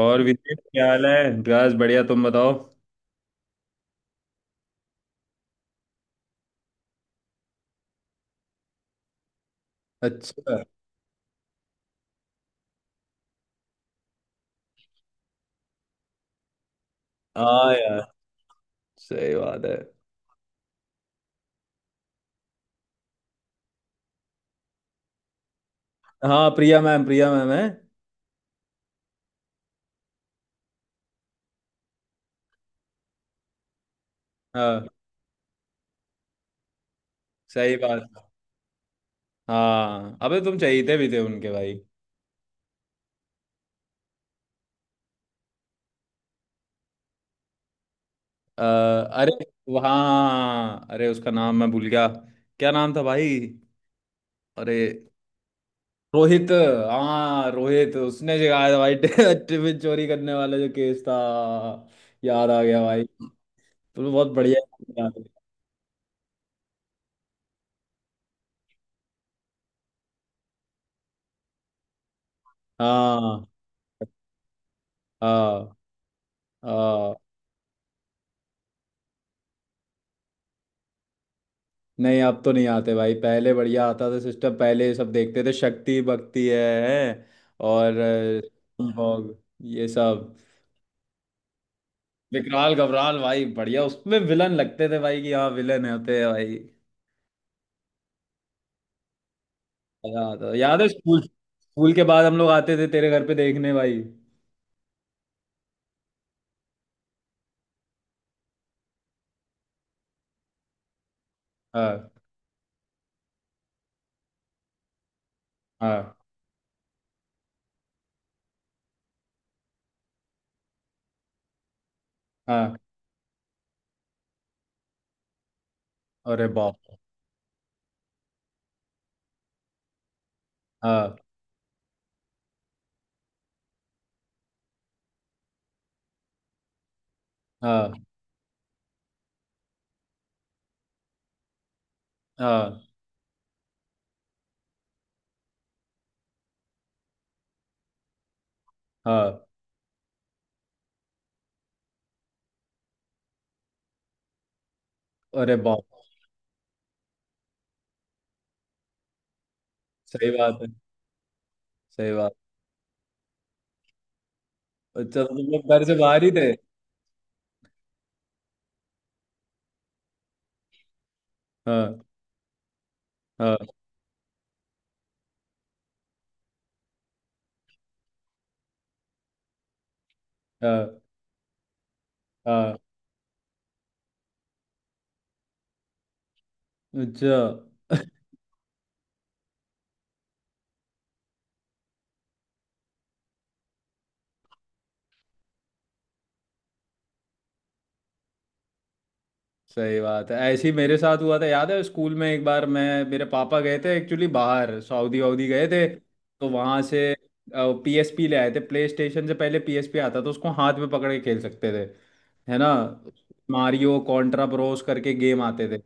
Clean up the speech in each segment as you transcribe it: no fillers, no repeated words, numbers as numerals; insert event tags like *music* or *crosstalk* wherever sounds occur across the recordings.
और विनीत क्या हाल है। बस बढ़िया। तुम बताओ। अच्छा। हाँ यार। सही बात है। हाँ, प्रिया मैम। प्रिया मैम है। हाँ, सही बात। हाँ, अबे तुम चहेते भी थे उनके, भाई। अरे। हाँ, अरे उसका नाम मैं भूल गया। क्या नाम था भाई? अरे। रोहित। हाँ रोहित, उसने सिखाया था भाई। *laughs* टिफिन चोरी करने वाला जो केस था। याद आ गया भाई। तुम बहुत बढ़िया। याद है। हाँ, हाँ, हाँ। नहीं, अब तो नहीं आते भाई। पहले बढ़िया आता था सिस्टम, पहले सब देखते थे, शक्ति भक्ति है, है? और Bulldog, ये सब। विकराल घबराल भाई। बढ़िया उसमें विलन लगते थे भाई, कि हाँ विलन होते हैं भाई। मजा आता था। याद है, स्कूल स्कूल के बाद हम लोग आते थे तेरे घर पे देखने भाई। हाँ, हाँ, हाँ। अरे बाप। हाँ, हाँ, हाँ, हाँ। अरे बाप। सही बात है। सही बात। अच्छा तो तुम लोग घर से बाहर ही थे? हाँ, हाँ, हाँ, हाँ। अच्छा। *laughs* सही बात है। ऐसे ही मेरे साथ हुआ था, याद है स्कूल में एक बार। मैं मेरे पापा गए थे एक्चुअली बाहर, सऊदी वऊदी गए थे। तो वहां से पीएसपी ले आए थे। प्ले स्टेशन से पहले पीएसपी आता, तो उसको हाथ में पकड़ के खेल सकते थे। है ना। मारियो, कॉन्ट्रा ब्रोस करके गेम आते थे।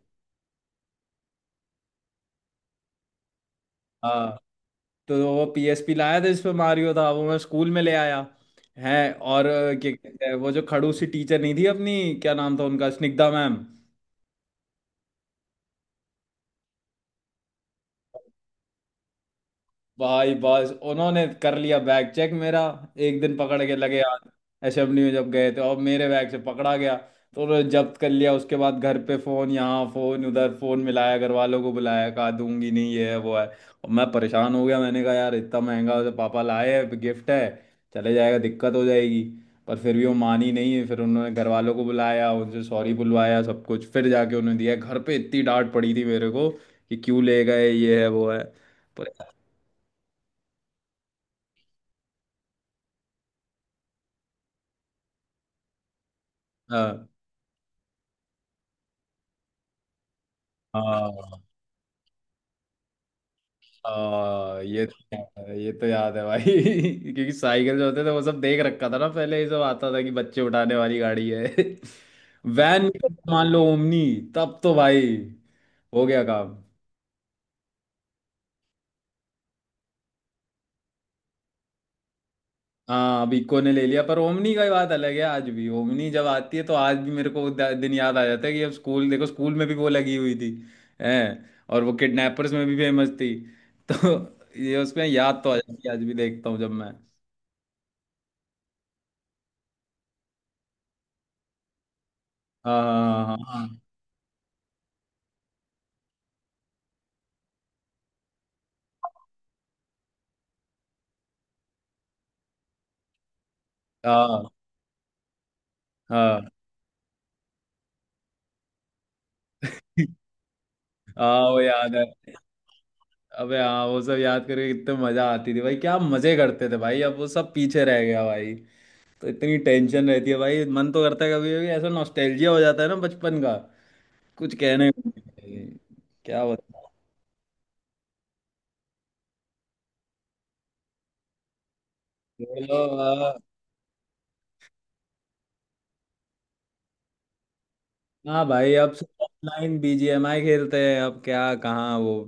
हाँ। तो वो पीएसपी लाया था, इसमें मारियो था, वो मैं स्कूल में ले आया है। और क्या कहते हैं वो जो खड़ूसी टीचर नहीं थी अपनी, क्या नाम था उनका, स्निग्धा मैम। भाई बस उन्होंने कर लिया बैग चेक मेरा। एक दिन पकड़ के लगे यार। एसएमडी में जब गए थे और मेरे बैग से पकड़ा गया। तो उन्होंने जब्त कर लिया। उसके बाद घर पे फोन, यहाँ फोन, उधर फोन मिलाया, घर वालों को बुलाया, कहा दूंगी नहीं, ये है वो है। और मैं परेशान हो गया, मैंने कहा यार इतना महंगा, उसे पापा लाए हैं, गिफ्ट है, चले जाएगा, दिक्कत हो जाएगी। पर फिर भी वो मानी नहीं है। फिर उन्होंने घर वालों को बुलाया, उनसे सॉरी बुलवाया सब कुछ, फिर जाके उन्होंने दिया। घर पे इतनी डांट पड़ी थी मेरे को कि क्यों ले गए, ये है वो है। पर हाँ, हाँ, हाँ। ये तो याद है, ये तो याद है भाई। *laughs* क्योंकि साइकिल जो होते थे, वो सब देख रखा था ना। पहले ये सब आता था कि बच्चे उठाने वाली गाड़ी है। *laughs* वैन में तो मान लो ओमनी। तब तो भाई हो गया काम। हाँ, अब इको ने ले लिया, पर ओमनी का ही बात अलग है। आज भी ओमनी जब आती है, तो आज भी मेरे को वो दिन याद आ जाता है कि अब स्कूल, देखो स्कूल में भी वो लगी हुई थी है। और वो किडनैपर्स में भी फेमस थी। *laughs* तो ये उसमें याद तो आ जाती है, आज भी देखता हूँ जब मैं। हाँ, हाँ, हाँ, हाँ। हाँ। हाँ, हाँ। *laughs* हाँ वो याद है। अबे हाँ, वो सब याद करके कितने मजा आती थी भाई। क्या मजे करते थे भाई। अब वो सब पीछे रह गया भाई। तो इतनी टेंशन रहती है भाई। मन तो करता है, कभी कभी ऐसा नॉस्टैल्जिया हो जाता है ना, बचपन का। कुछ कहने को नहीं है। क्या बताऊं। चलो हाँ। हाँ भाई, अब सब ऑनलाइन बीजीएमआई खेलते हैं। अब क्या, कहाँ वो।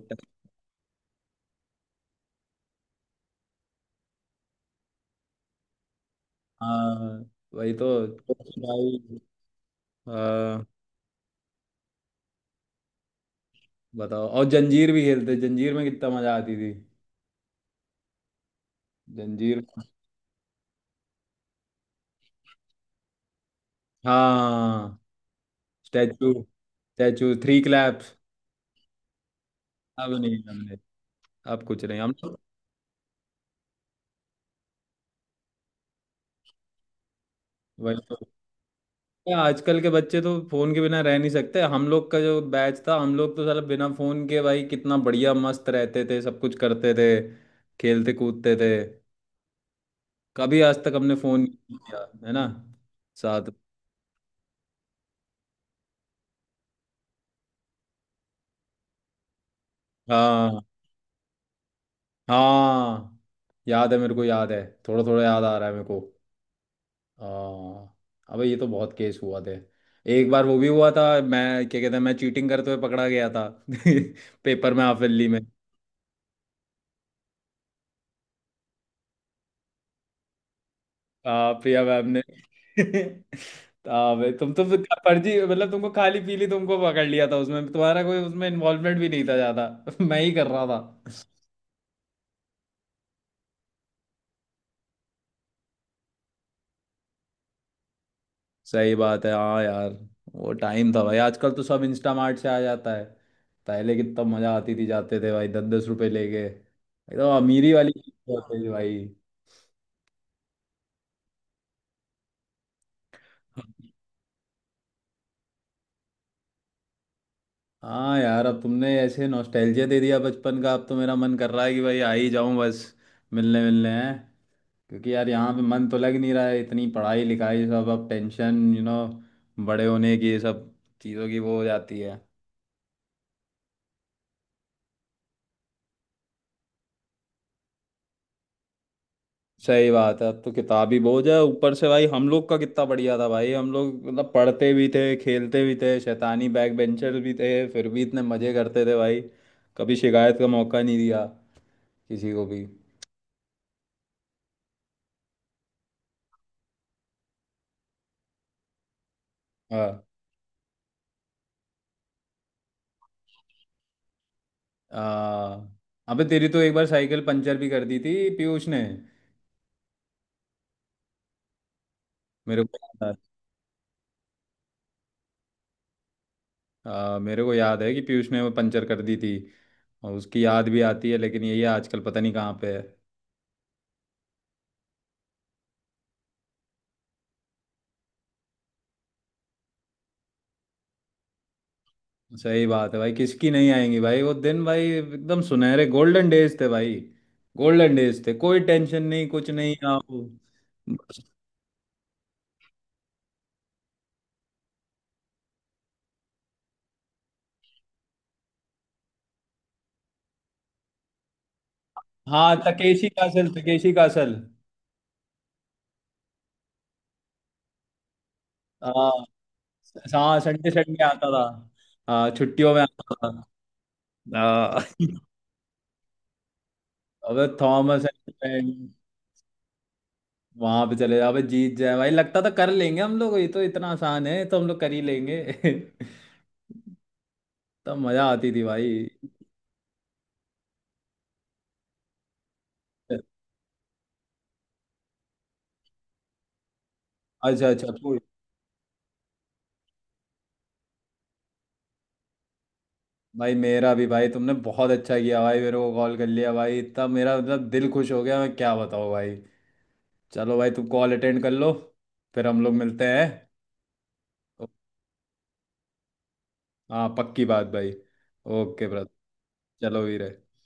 हाँ, वही तो भाई। हाँ, बताओ। और जंजीर भी खेलते, जंजीर में कितना मजा आती थी। जंजीर। हाँ, स्टैचू, स्टैचू थ्री क्लैप्स। अब नहीं हमने, अब कुछ नहीं हम लोग। वही तो। क्या, आजकल के बच्चे तो फोन के बिना रह नहीं सकते। हम लोग का जो बैच था, हम लोग तो साला बिना फोन के भाई कितना बढ़िया मस्त रहते थे, सब कुछ करते थे, खेलते कूदते थे। कभी आज तक हमने फोन नहीं किया, है ना, साथ। हाँ, हाँ। याद है, मेरे को याद है, थोड़ा थोड़ा याद आ रहा है मेरे को। हाँ। अबे ये तो बहुत केस हुआ थे। एक बार वो भी हुआ था। मैं, क्या कहते हैं, मैं चीटिंग करते हुए पकड़ा गया था। *laughs* पेपर में, हाफिली में। प्रिया मैम ने। *laughs* बे, तुम तो फिर फर्जी, मतलब तुमको खाली पीली तुमको पकड़ लिया था, उसमें तुम्हारा कोई उसमें इन्वॉल्वमेंट भी नहीं था ज्यादा। *laughs* मैं ही कर रहा था। सही बात है, हाँ यार। वो टाइम था भाई। आजकल तो सब इंस्टामार्ट से आ जाता है। पहले कितना मजा आती थी, जाते थे भाई दस दस रुपए लेके, एकदम अमीरी वाली चीज़ होती थी भाई। हाँ यार, अब तुमने ऐसे नॉस्टैल्जिया दे दिया बचपन का, अब तो मेरा मन कर रहा है कि भाई आ ही जाऊं बस, मिलने मिलने हैं। क्योंकि यार यहाँ पे मन तो लग नहीं रहा है, इतनी पढ़ाई लिखाई, सब अब टेंशन यू नो, बड़े होने की ये सब चीज़ों की वो हो जाती है। सही बात है, अब तो किताबी बोझ है ऊपर से भाई। हम लोग का कितना बढ़िया था भाई, हम लोग मतलब पढ़ते भी थे, खेलते भी थे, शैतानी बैक बेंचर भी थे, फिर भी इतने मज़े करते थे भाई। कभी शिकायत का मौका नहीं दिया किसी को भी। हाँ। आ, अबे तेरी तो एक बार साइकिल पंचर भी कर दी थी पीयूष ने। मेरे को याद है। मेरे को याद है कि पीयूष ने वो पंचर कर दी थी। और उसकी याद भी आती है, लेकिन यही आजकल पता नहीं कहाँ पे है। सही बात है भाई, किसकी नहीं आएंगी भाई। वो दिन भाई एकदम सुनहरे गोल्डन डेज थे भाई। गोल्डन डेज थे, कोई टेंशन नहीं, कुछ नहीं। आओ। बस- हाँ, तकेशी का असल। हाँ, संडे, संडे आता था। हाँ, छुट्टियों में आता था। हाँ। *laughs* अबे थॉमस। वहां पे चले जाओ, अबे जीत जाए भाई, लगता था कर लेंगे हम लोग, ये तो इतना आसान है, तो हम लोग कर ही लेंगे। *laughs* तब मजा आती थी भाई। अच्छा अच्छा, कोई। भाई मेरा भी भाई, तुमने बहुत अच्छा किया भाई, मेरे को कॉल कर लिया भाई, तब मेरा मतलब दिल खुश हो गया, मैं क्या बताऊँ भाई। चलो भाई, तुम कॉल अटेंड कर लो, फिर हम लोग मिलते हैं। हाँ पक्की बात भाई। Okay brother. चलो वीर।